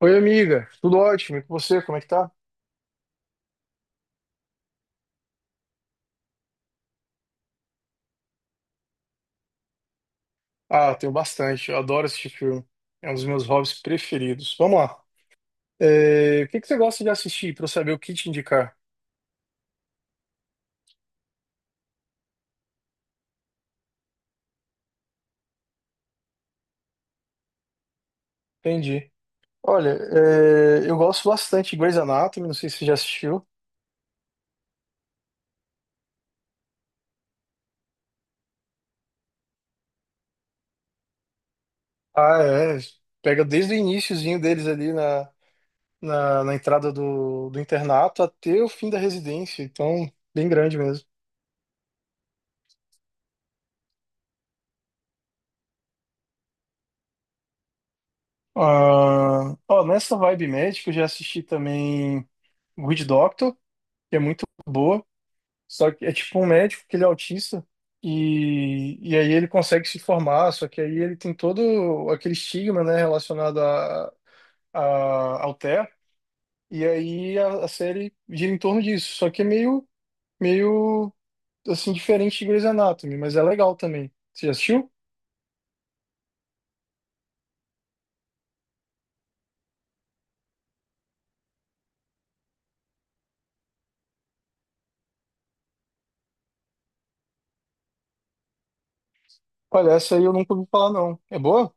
Oi, amiga. Tudo ótimo. E com você, como é que tá? Ah, tenho bastante. Eu adoro assistir filme. É um dos meus hobbies preferidos. Vamos lá. O que que você gosta de assistir para eu saber o que te indicar? Entendi. Olha, eu gosto bastante de Grey's Anatomy. Não sei se você já assistiu. Ah, é. Pega desde o iniciozinho deles ali na entrada do internato até o fim da residência. Então, bem grande mesmo. Ah, ó, nessa vibe médica, eu já assisti também Good Doctor, que é muito boa, só que é tipo um médico que ele é autista e aí ele consegue se formar, só que aí ele tem todo aquele estigma, né, relacionado a, ao TEA, e aí a série gira em torno disso, só que é meio assim, diferente de Grey's Anatomy, mas é legal também. Você já assistiu? Olha, essa aí eu nunca ouvi falar, não. É boa?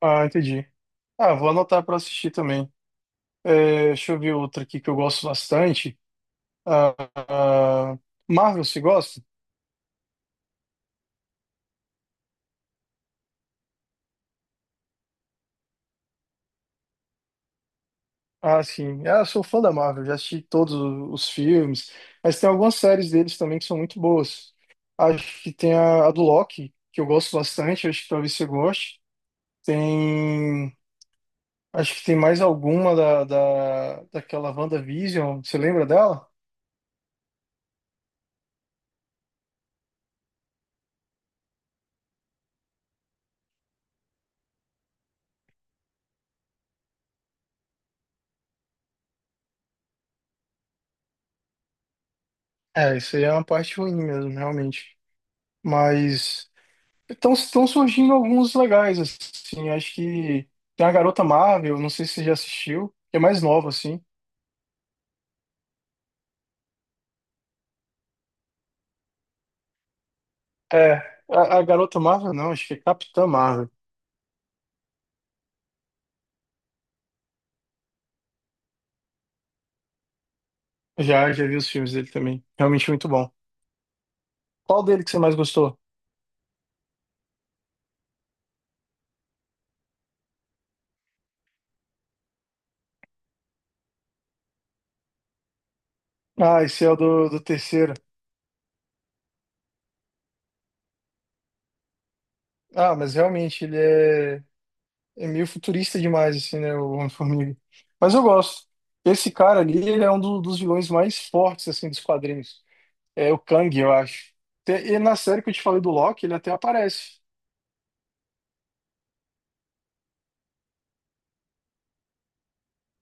Ah, entendi. Ah, vou anotar para assistir também. É, deixa eu ver outra aqui que eu gosto bastante. Ah, ah, Marvel, você gosta? Ah, sim. Eu sou fã da Marvel, já assisti os filmes, mas tem algumas séries deles também que são muito boas. Acho que tem a do Loki, que eu gosto bastante, acho que talvez você goste. Tem. Acho que tem mais alguma daquela WandaVision, você lembra dela? É, isso aí é uma parte ruim mesmo, realmente. Mas estão surgindo alguns legais, assim. Acho que tem a Garota Marvel, não sei se você já assistiu, que é mais nova, assim. É, a Garota Marvel não, acho que é Capitã Marvel. Já, já vi os filmes dele também. Realmente muito bom. Qual dele que você mais gostou? Ah, esse é o do terceiro. Ah, mas realmente é meio futurista demais, assim, né? O Homem-Formiga. Mas eu gosto. Esse cara ali, ele é um dos vilões mais fortes, assim, dos quadrinhos. É o Kang, eu acho. E na série que eu te falei do Loki, ele até aparece.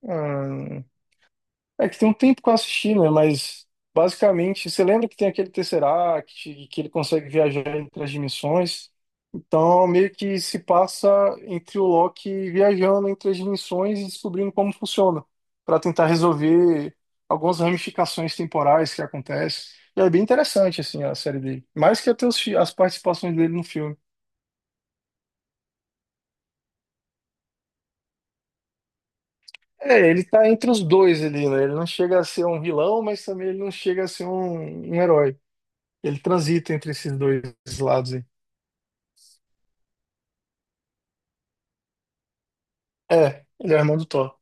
Ah, é que tem um tempo que eu assisti, né? Mas basicamente, você lembra que tem aquele Tesseract, e que ele consegue viajar entre as dimensões? Então, meio que se passa entre o Loki viajando entre as dimensões e descobrindo como funciona, para tentar resolver algumas ramificações temporais que acontecem. E é bem interessante, assim, a série dele. Mais que até as participações dele no filme. É, ele tá entre os dois ali, né? Ele não chega a ser um vilão, mas também ele não chega a ser um herói. Ele transita entre esses dois lados aí. É, ele é o irmão do Thor.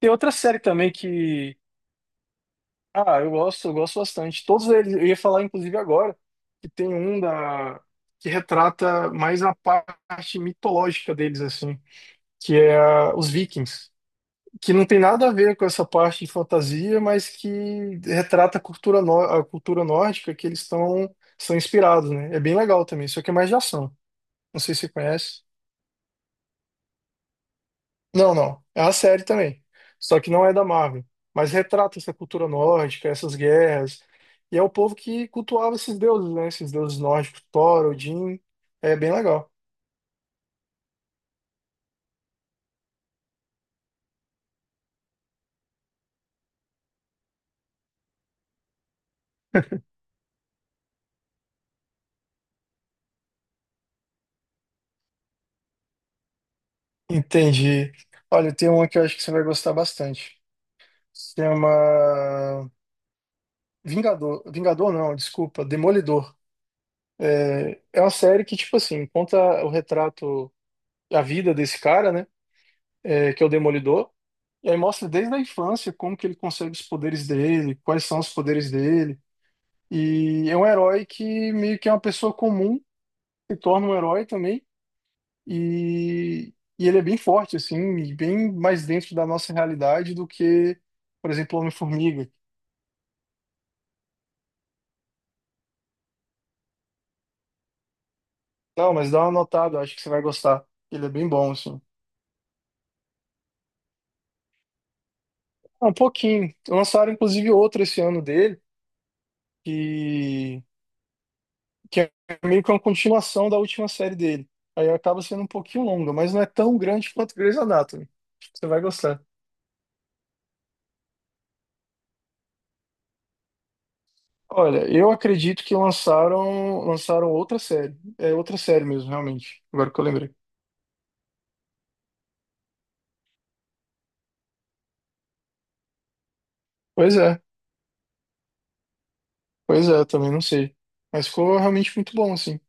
Tem outra série também que. Ah, eu gosto bastante. Todos eles, eu ia falar, inclusive, agora, que tem um da, que retrata mais a parte mitológica deles, assim, que é os Vikings. Que não tem nada a ver com essa parte de fantasia, mas que retrata a cultura, a cultura nórdica que eles estão são inspirados, né? É bem legal também, só que é mais de ação. Não sei se você conhece. Não. É a série também. Só que não é da Marvel. Mas retrata essa cultura nórdica, essas guerras. E é o povo que cultuava esses deuses, né? Esses deuses nórdicos, Thor, Odin. É bem legal. Entendi. Olha, tem uma que eu acho que você vai gostar bastante. Se chama Vingador. Vingador não, desculpa, Demolidor. É uma série que, tipo assim, conta o retrato, a vida desse cara, né? É, que é o Demolidor. E aí mostra desde a infância como que ele consegue os poderes dele, quais são os poderes dele. E é um herói que meio que é uma pessoa comum, se torna um herói também. E ele é bem forte, assim, e bem mais dentro da nossa realidade do que, por exemplo, o Homem-Formiga. Não, mas dá uma notada, eu acho que você vai gostar. Ele é bem bom, assim. Um pouquinho. Lançaram, inclusive, outro esse ano dele, que que é meio que uma continuação da última série dele. Aí acaba sendo um pouquinho longa, mas não é tão grande quanto Grey's Anatomy. Você vai gostar. Olha, eu acredito que lançaram outra série. É outra série mesmo, realmente. Agora que eu lembrei. Pois é, pois é, também não sei. Mas ficou realmente muito bom, assim.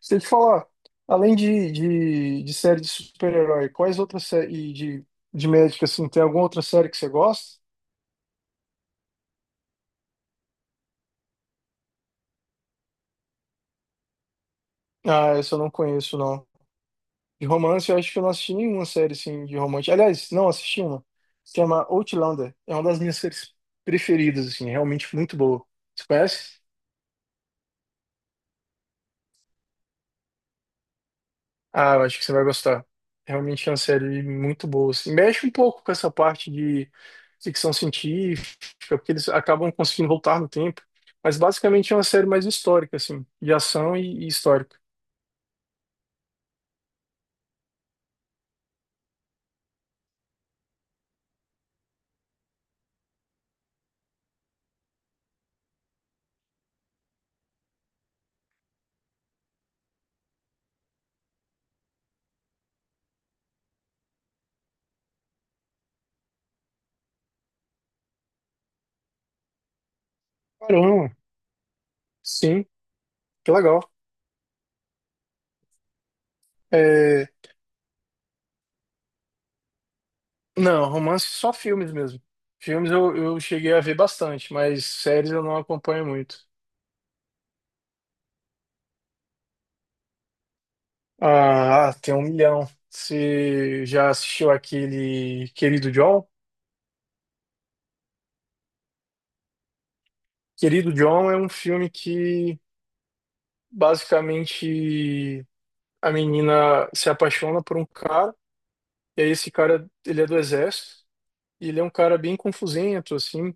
Se eu te falar, além de série de super-herói, quais outras séries de médica, assim, tem alguma outra série que você gosta? Ah, essa eu não conheço, não. De romance, eu acho que eu não assisti nenhuma série assim de romance. Aliás, não assisti uma. Se chama Outlander. É uma das minhas séries preferidas, assim, realmente muito boa. Você conhece? Ah, eu acho que você vai gostar. Realmente é uma série muito boa, assim. Mexe um pouco com essa parte de ficção científica, porque eles acabam conseguindo voltar no tempo. Mas basicamente é uma série mais histórica, assim, de ação e histórica. Caramba. Sim, que legal. É, não, romance só filmes mesmo. Filmes eu cheguei a ver bastante, mas séries eu não acompanho muito. Ah, tem um milhão. Você já assistiu aquele Querido John? Querido John é um filme que basicamente a menina se apaixona por um cara, e aí esse cara, ele é do exército, e ele é um cara bem confusento, assim,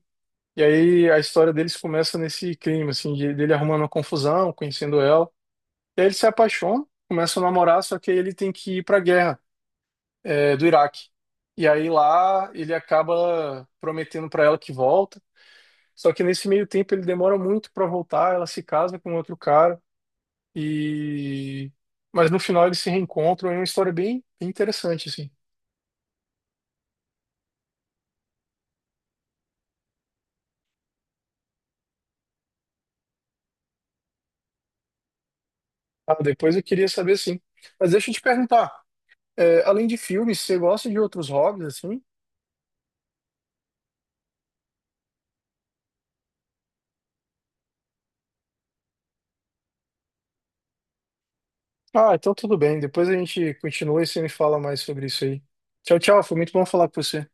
e aí a história deles começa nesse clima, assim, dele arrumando uma confusão, conhecendo ela, e aí eles se apaixonam, começam a namorar, só que aí ele tem que ir para a guerra, é, do Iraque. E aí lá ele acaba prometendo para ela que volta, só que nesse meio tempo ele demora muito para voltar, ela se casa com outro cara e mas no final eles se reencontram, é uma história bem interessante assim. Ah, depois eu queria saber sim. Mas deixa eu te perguntar, é, além de filmes, você gosta de outros hobbies assim? Ah, então tudo bem. Depois a gente continua e você me fala mais sobre isso aí. Tchau, tchau. Foi muito bom falar com você.